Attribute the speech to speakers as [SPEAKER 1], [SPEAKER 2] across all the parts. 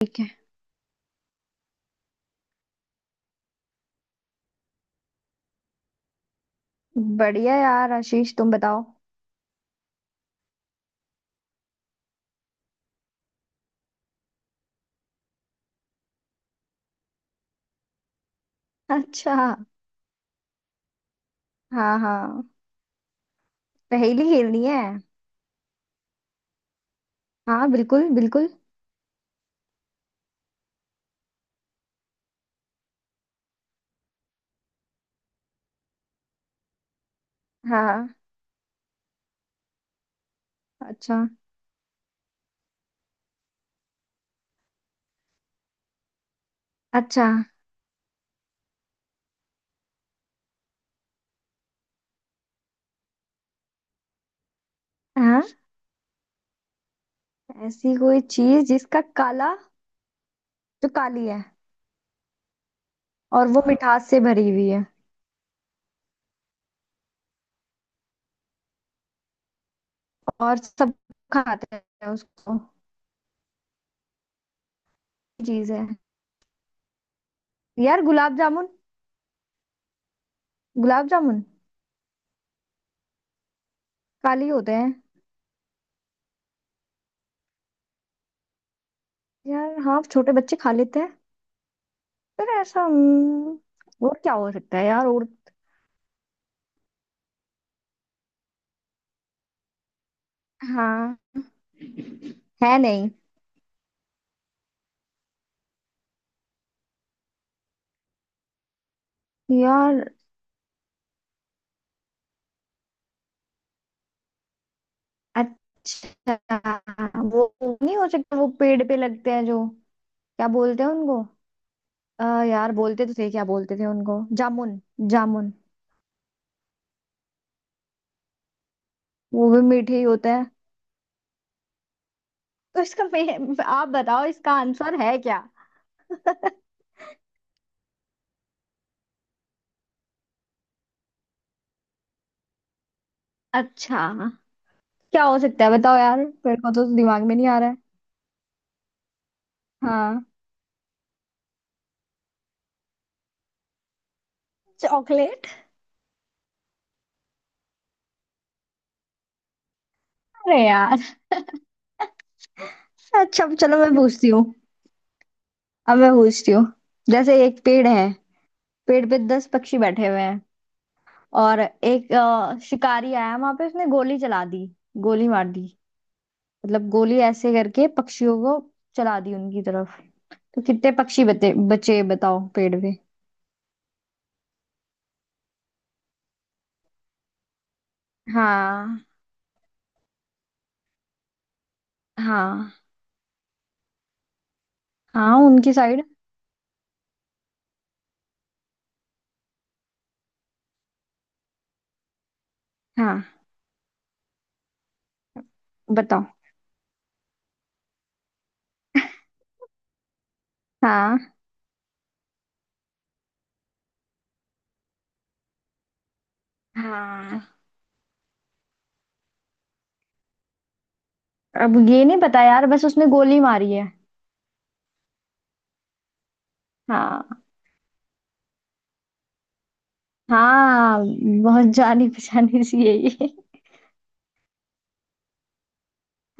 [SPEAKER 1] ठीक है। बढ़िया यार आशीष तुम बताओ। अच्छा। हाँ हाँ। पहेली खेलनी है? हाँ बिल्कुल बिल्कुल। हाँ। अच्छा। अच्छा। हाँ। ऐसी कोई चीज जिसका काला। जो काली है। और वो मिठास से भरी हुई है। और सब खाते हैं उसको। चीज है। यार गुलाब जामुन। गुलाब जामुन। काली होते हैं। यार हाँ छोटे बच्चे खा लेते हैं। पर ऐसा। और क्या हो सकता है यार? और। हाँ। है नहीं। यार अच्छा वो नहीं हो सकता। वो पेड़ पे लगते हैं जो क्या बोलते हैं उनको? यार बोलते तो थे क्या बोलते थे उनको? जामुन। जामुन। वो भी मीठे ही होता है। तो इसका आप बताओ इसका आंसर है क्या? अच्छा। क्या हो सकता है बताओ यार। मेरे को तो दिमाग में नहीं आ रहा है। हाँ। चॉकलेट। अरे यार। अच्छा अब चलो मैं पूछती हूँ। अब मैं पूछती हूँ। जैसे एक पेड़ है। पेड़ पे 10 पक्षी बैठे हुए हैं। और एक शिकारी आया वहां पे। उसने गोली चला दी। गोली मार दी। मतलब गोली ऐसे करके पक्षियों को चला दी उनकी तरफ। तो कितने पक्षी बचे बचे बताओ पेड़ पे? हाँ हाँ। हाँ उनकी साइड। हाँ। बताओ। हाँ हाँ। अब ये नहीं पता यार बस उसने गोली मारी है। हाँ। हाँ बहुत जानी पहचानी सी है ये।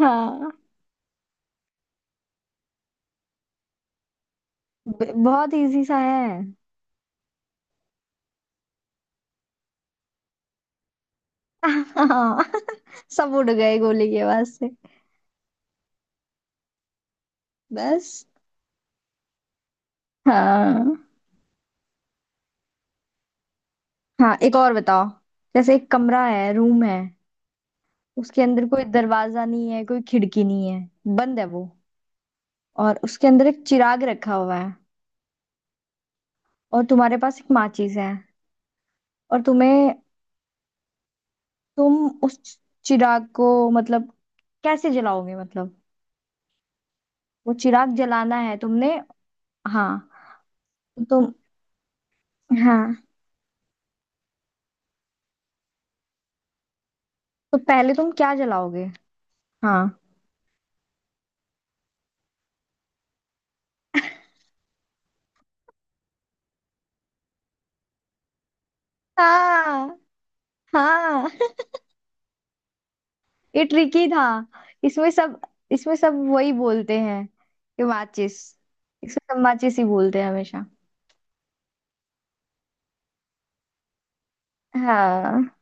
[SPEAKER 1] हाँ। बहुत इजी सा है। हाँ। सब उड़ गए गोली के आवाज से। बस। हाँ। हाँ एक और बताओ। जैसे एक कमरा है रूम है। उसके अंदर कोई दरवाजा नहीं है कोई खिड़की नहीं है। बंद है वो। और उसके अंदर एक चिराग रखा हुआ है। और तुम्हारे पास एक माचिस है। और तुम उस चिराग को मतलब कैसे जलाओगे मतलब? वो चिराग जलाना है तुमने। हाँ। तो तुम। हाँ। तो पहले तुम क्या जलाओगे? हाँ हाँ। हाँ। ये ट्रिकी था। इसमें सब। इसमें सब वही बोलते हैं कि माचिस। इसमें सब माचिस ही बोलते हैं हमेशा। हाँ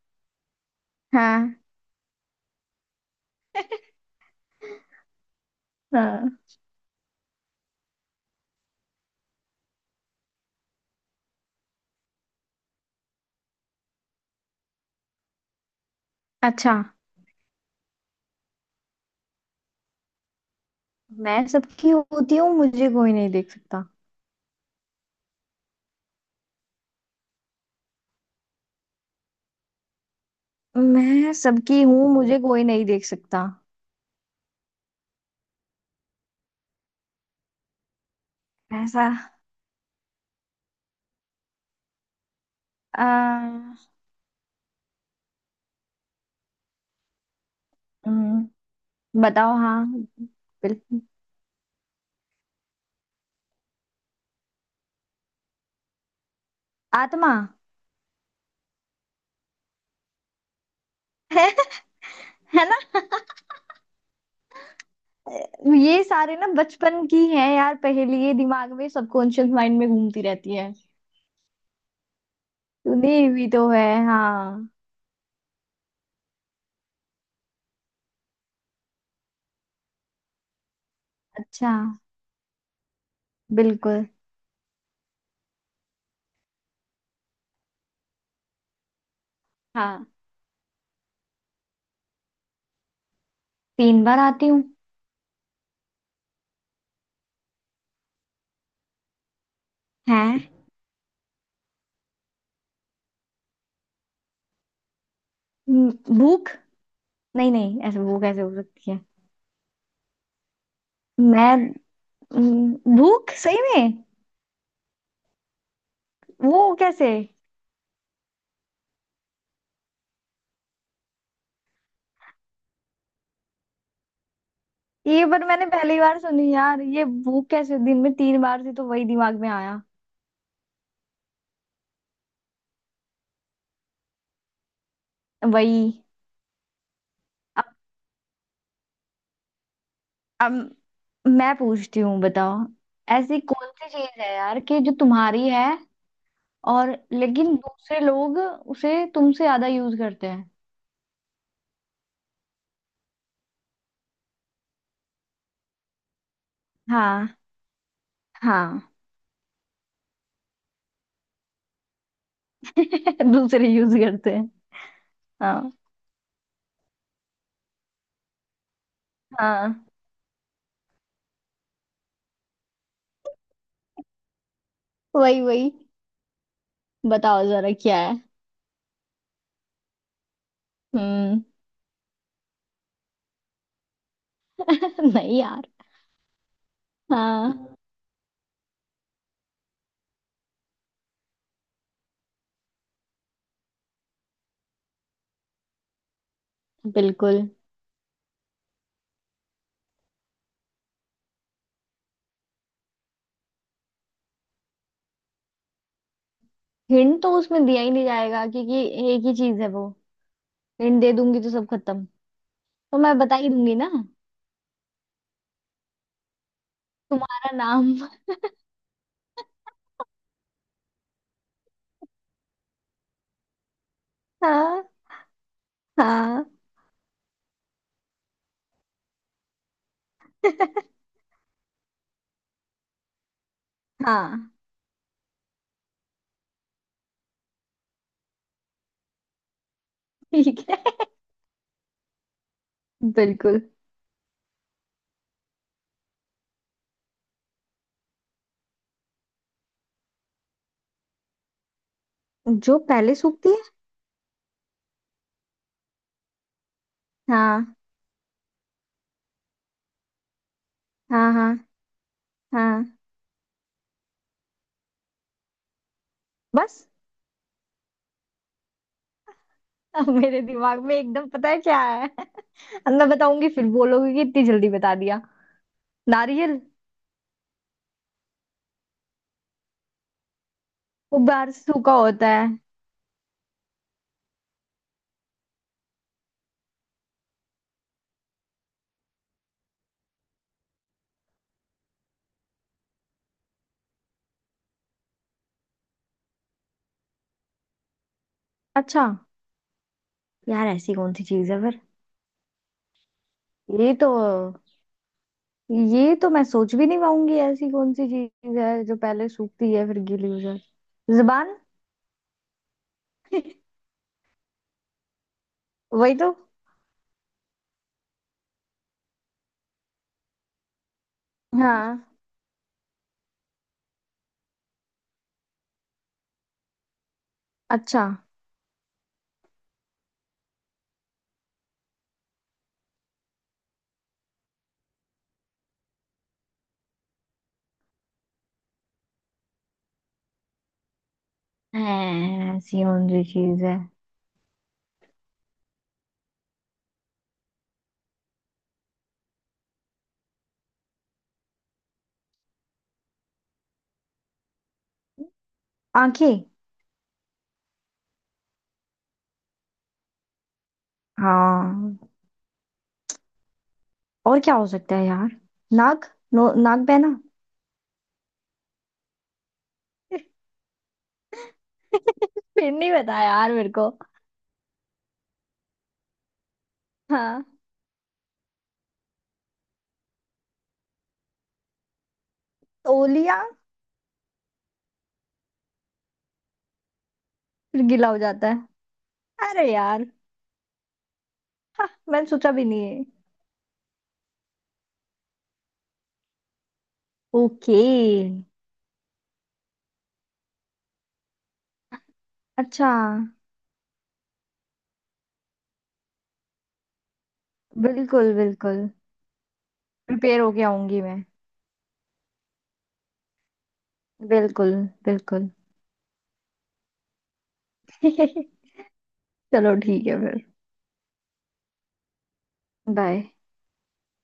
[SPEAKER 1] हाँ। हाँ। अच्छा। मैं सबकी होती हूँ मुझे कोई नहीं देख सकता। मैं सबकी हूँ मुझे कोई नहीं देख सकता। ऐसा आ, हम्म, बताओ हाँ बिल्कुल। आत्मा है। है ना? ये सारे ना बचपन की हैं यार पहेली। ये दिमाग में सबकॉन्शियस माइंड में घूमती रहती है। तूने भी तो है हाँ। अच्छा बिल्कुल। हाँ तीन बार आती हूँ। हैं? भूख? नहीं नहीं ऐसे भूख ऐसे हो सकती है। मैं। भूख सही में? वो कैसे? ये पर मैंने पहली बार सुनी यार। ये भूख कैसे दिन में 3 बार थी तो वही दिमाग में आया। वही। अब। अब मैं पूछती हूँ बताओ। ऐसी कौन सी चीज है यार कि जो तुम्हारी है। और लेकिन दूसरे लोग उसे तुमसे ज्यादा यूज करते हैं। हाँ हाँ। दूसरे यूज करते। हाँ हाँ। वही वही। बताओ जरा क्या है। हम्म। नहीं यार। हाँ बिल्कुल। हिंट तो उसमें दिया ही नहीं जाएगा क्योंकि एक ही चीज है वो। हिंट दे दूंगी तो सब खत्म। तो मैं बता ही दूंगी ना। तुम्हारा नाम। हाँ हाँ। हाँ। ठीक है बिल्कुल। जो पहले सूखती है। हाँ हाँ हाँ हाँ। बस। अब मेरे दिमाग में एकदम पता है क्या है। अब मैं बताऊंगी फिर बोलोगे कि इतनी जल्दी बता दिया। नारियल। वो बारसू का होता है। अच्छा। यार ऐसी कौन सी चीज है फिर? ये तो। ये तो मैं सोच भी नहीं पाऊंगी। ऐसी कौन सी चीज है जो पहले सूखती है फिर गीली हो जाती? जुबान। वही तो। हाँ। अच्छा। हैं, ऐसी कौन सी चीज है? आंखें। हाँ और क्या हो सकता है यार? नाक। नो नाक बहना। फिर नहीं पता यार मेरे को। हाँ। तौलिया। फिर गीला हो जाता है। अरे यार। हाँ, मैंने सोचा भी नहीं है। ओके। अच्छा बिल्कुल बिल्कुल। प्रिपेयर होके आऊंगी मैं। बिल्कुल बिल्कुल। चलो ठीक है फिर। बाय।